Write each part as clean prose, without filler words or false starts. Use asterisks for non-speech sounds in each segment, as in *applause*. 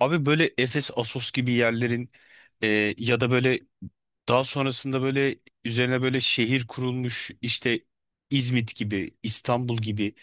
Abi, böyle Efes, Assos gibi yerlerin ya da böyle daha sonrasında böyle üzerine böyle şehir kurulmuş işte, İzmit gibi, İstanbul gibi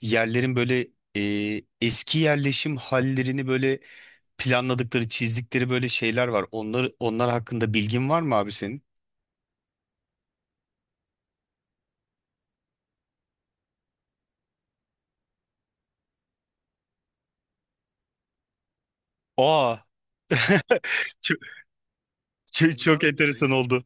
yerlerin böyle eski yerleşim hallerini böyle planladıkları, çizdikleri böyle şeyler var. Onlar hakkında bilgin var mı abi senin? Aa, çok, çok, çok enteresan oldu.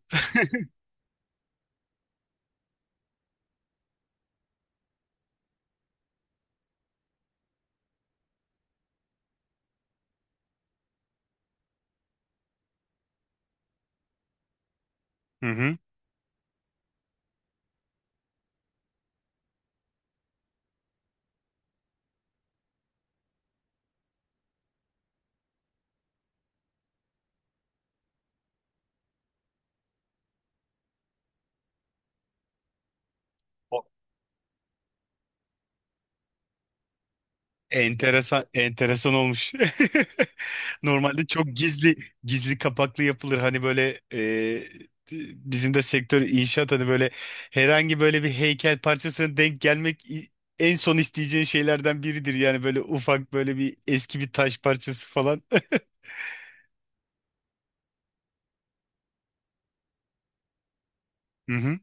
Hı hı. Enteresan, enteresan olmuş. *laughs* Normalde çok gizli kapaklı yapılır. Hani böyle, bizim de sektör inşaat, hani böyle herhangi böyle bir heykel parçasına denk gelmek en son isteyeceğin şeylerden biridir. Yani böyle ufak böyle bir eski bir taş parçası falan. *laughs* Hı hı.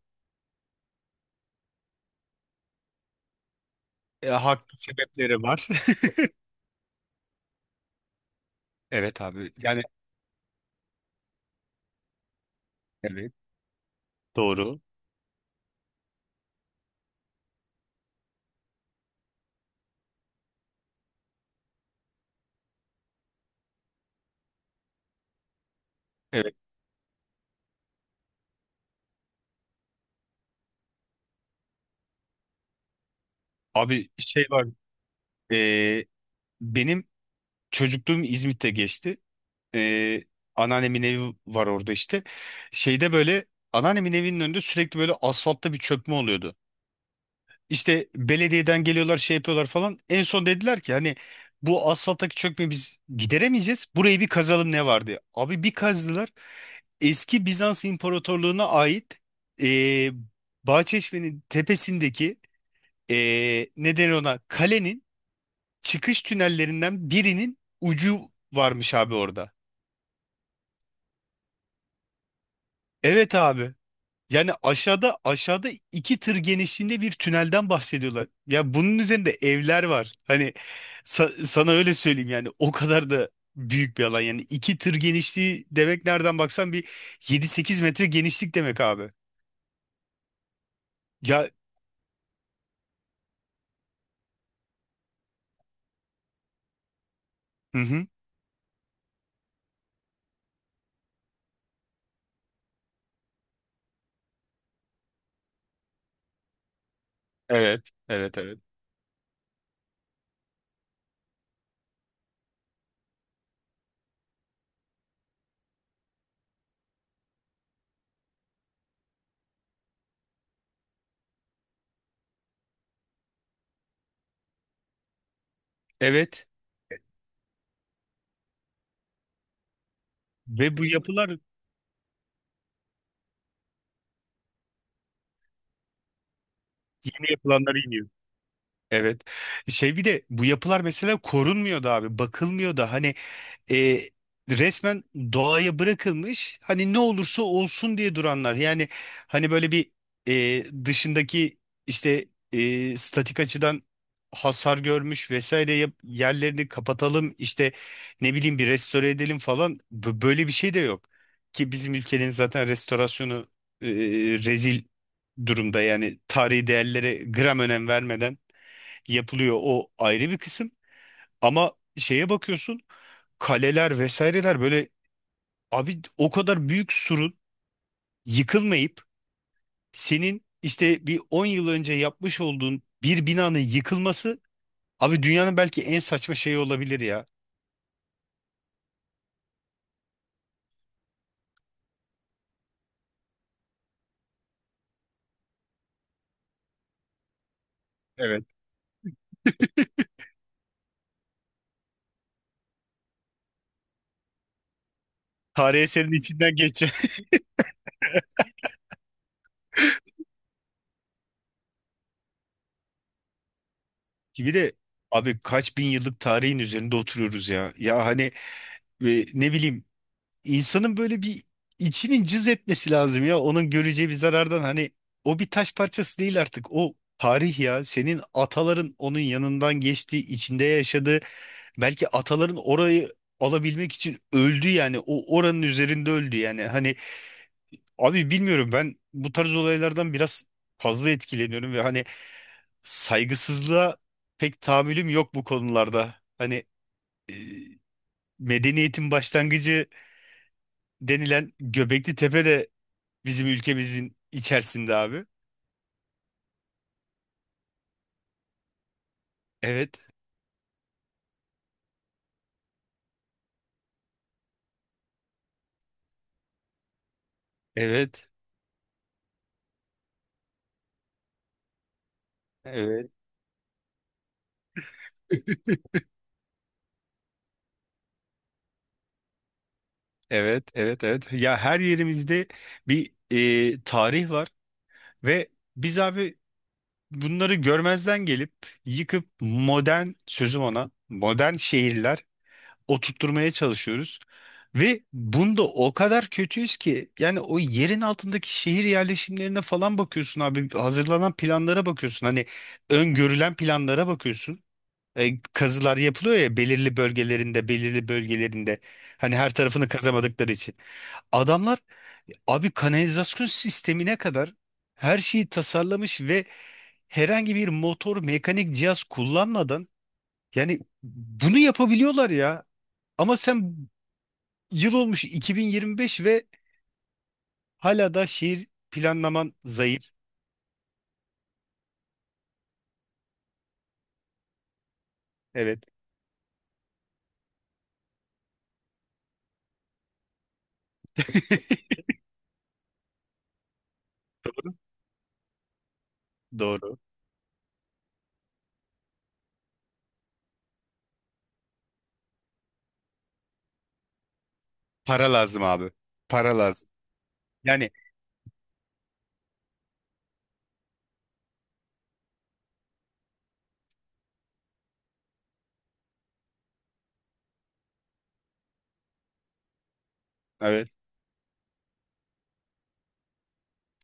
E, haklı sebepleri var. *laughs* Evet abi. Yani evet. Doğru. Evet. Abi şey var. e, benim çocukluğum İzmit'te geçti. e, anneannemin evi var orada işte. Şeyde böyle anneannemin evinin önünde sürekli böyle asfaltta bir çökme oluyordu. İşte belediyeden geliyorlar, şey yapıyorlar falan. En son dediler ki hani bu asfalttaki çökmeyi biz gideremeyeceğiz, burayı bir kazalım ne var diye. Abi bir kazdılar. Eski Bizans İmparatorluğu'na ait, e, Bahçeşme'nin tepesindeki, ne denir ona, kalenin çıkış tünellerinden birinin ucu varmış abi orada. Evet abi. Yani aşağıda aşağıda iki tır genişliğinde bir tünelden bahsediyorlar. Ya bunun üzerinde evler var. Hani, sana öyle söyleyeyim, yani o kadar da büyük bir alan. Yani iki tır genişliği demek, nereden baksan bir 7-8 metre genişlik demek abi. Ya, hı hı. Evet, evet, evet. Evet, ve bu yapılar yeni yapılanlara iniyor. Evet. Şey, bir de bu yapılar mesela korunmuyor da abi, bakılmıyor da. Hani, e, resmen doğaya bırakılmış, hani ne olursa olsun diye duranlar. Yani, hani böyle bir dışındaki, işte statik açıdan hasar görmüş vesaire, yerlerini kapatalım, işte ne bileyim, bir restore edelim falan, böyle bir şey de yok. Ki bizim ülkenin zaten restorasyonu e, rezil durumda, yani tarihi değerlere gram önem vermeden yapılıyor, o ayrı bir kısım. Ama şeye bakıyorsun, kaleler vesaireler, böyle abi o kadar büyük surun yıkılmayıp senin işte bir 10 yıl önce yapmış olduğun bir binanın yıkılması, abi dünyanın belki en saçma şeyi olabilir ya. Evet. Tarih eserinin içinden geçen. *laughs* Bir de abi kaç bin yıllık tarihin üzerinde oturuyoruz ya. Ya hani, ne bileyim, İnsanın böyle bir içinin cız etmesi lazım ya. Onun göreceği bir zarardan, hani o bir taş parçası değil artık. O tarih ya. Senin ataların onun yanından geçti, içinde yaşadı. Belki ataların orayı alabilmek için öldü yani. O, oranın üzerinde öldü yani. Hani abi, bilmiyorum, ben bu tarz olaylardan biraz fazla etkileniyorum ve hani saygısızlığa pek tahammülüm yok bu konularda. Hani medeniyetin başlangıcı denilen Göbekli Tepe bizim ülkemizin içerisinde abi. Evet. Evet. Evet. Evet, evet, evet. Ya her yerimizde bir tarih var ve biz abi bunları görmezden gelip yıkıp modern, sözüm ona modern şehirler oturtturmaya çalışıyoruz. Ve bunda o kadar kötüyüz ki, yani o yerin altındaki şehir yerleşimlerine falan bakıyorsun abi, hazırlanan planlara bakıyorsun, hani öngörülen planlara bakıyorsun. Kazılar yapılıyor ya, belirli bölgelerinde belirli bölgelerinde, hani her tarafını kazamadıkları için. Adamlar abi kanalizasyon sistemine kadar her şeyi tasarlamış ve herhangi bir motor, mekanik cihaz kullanmadan, yani bunu yapabiliyorlar ya. Ama sen, yıl olmuş 2025 ve hala da şehir planlaman zayıf. Evet. *laughs* Doğru. Doğru. Para lazım abi. Para lazım. Yani evet.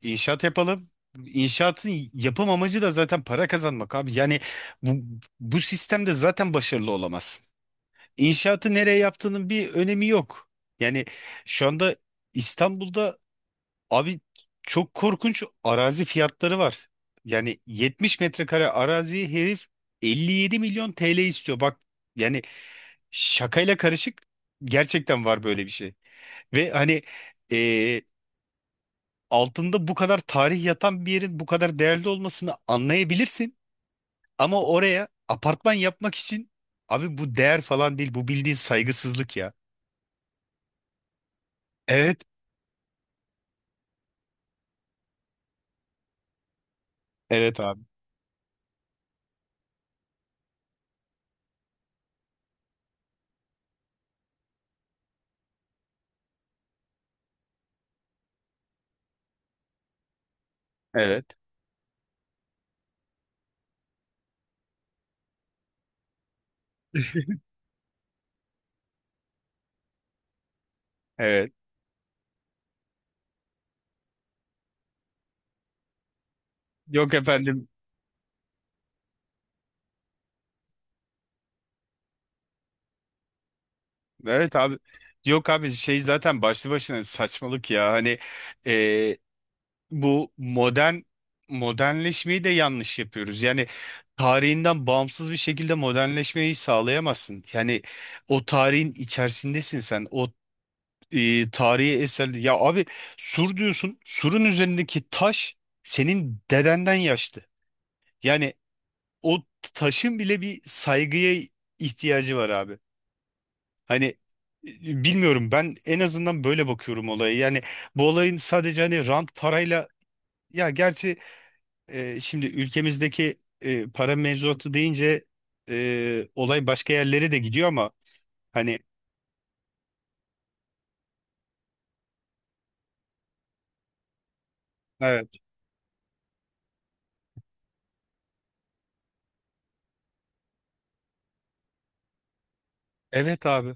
İnşaat yapalım. İnşaatın yapım amacı da zaten para kazanmak abi. Yani bu sistemde zaten başarılı olamazsın. İnşaatı nereye yaptığının bir önemi yok. Yani şu anda İstanbul'da abi çok korkunç arazi fiyatları var. Yani 70 metrekare araziyi herif 57 milyon TL istiyor. Bak, yani şakayla karışık gerçekten var böyle bir şey. Ve hani, altında bu kadar tarih yatan bir yerin bu kadar değerli olmasını anlayabilirsin. Ama oraya apartman yapmak için, abi bu değer falan değil. Bu bildiğin saygısızlık ya. Evet. Evet abi. Evet. Evet. Yok efendim. Evet abi. Yok abi, şey zaten başlı başına saçmalık ya. Hani, e, bu modernleşmeyi de yanlış yapıyoruz. Yani tarihinden bağımsız bir şekilde modernleşmeyi sağlayamazsın. Yani o tarihin içerisindesin sen. O, tarihi eserli. Ya abi, sur diyorsun. Surun üzerindeki taş senin dedenden yaşlı. Yani o taşın bile bir saygıya ihtiyacı var abi. Hani, bilmiyorum, ben en azından böyle bakıyorum olaya. Yani bu olayın sadece hani rant, parayla, ya gerçi şimdi ülkemizdeki para mevzuatı deyince, olay başka yerlere de gidiyor ama, hani, evet. Evet abi.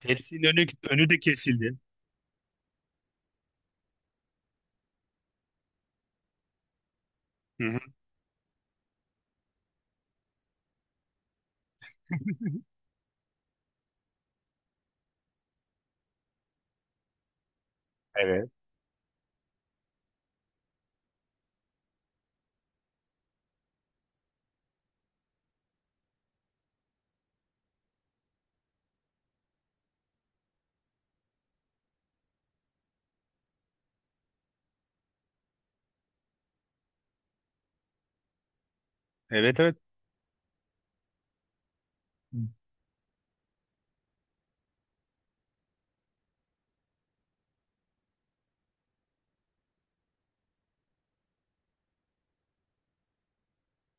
Hepsinin önü de kesildi. Hı hı. Evet. Evet, evet.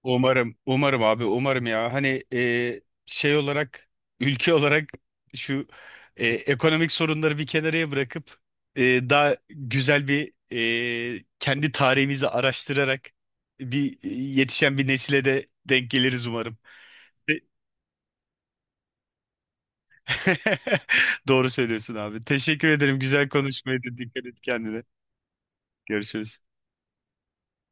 Umarım, umarım abi, umarım ya. Hani, şey olarak, ülke olarak, şu ekonomik sorunları bir kenara bırakıp, daha güzel bir, kendi tarihimizi araştırarak bir, yetişen bir nesile de denk geliriz umarım. E- *laughs* Doğru söylüyorsun abi. Teşekkür ederim. Güzel konuşmaydı. Dikkat et kendine. Görüşürüz.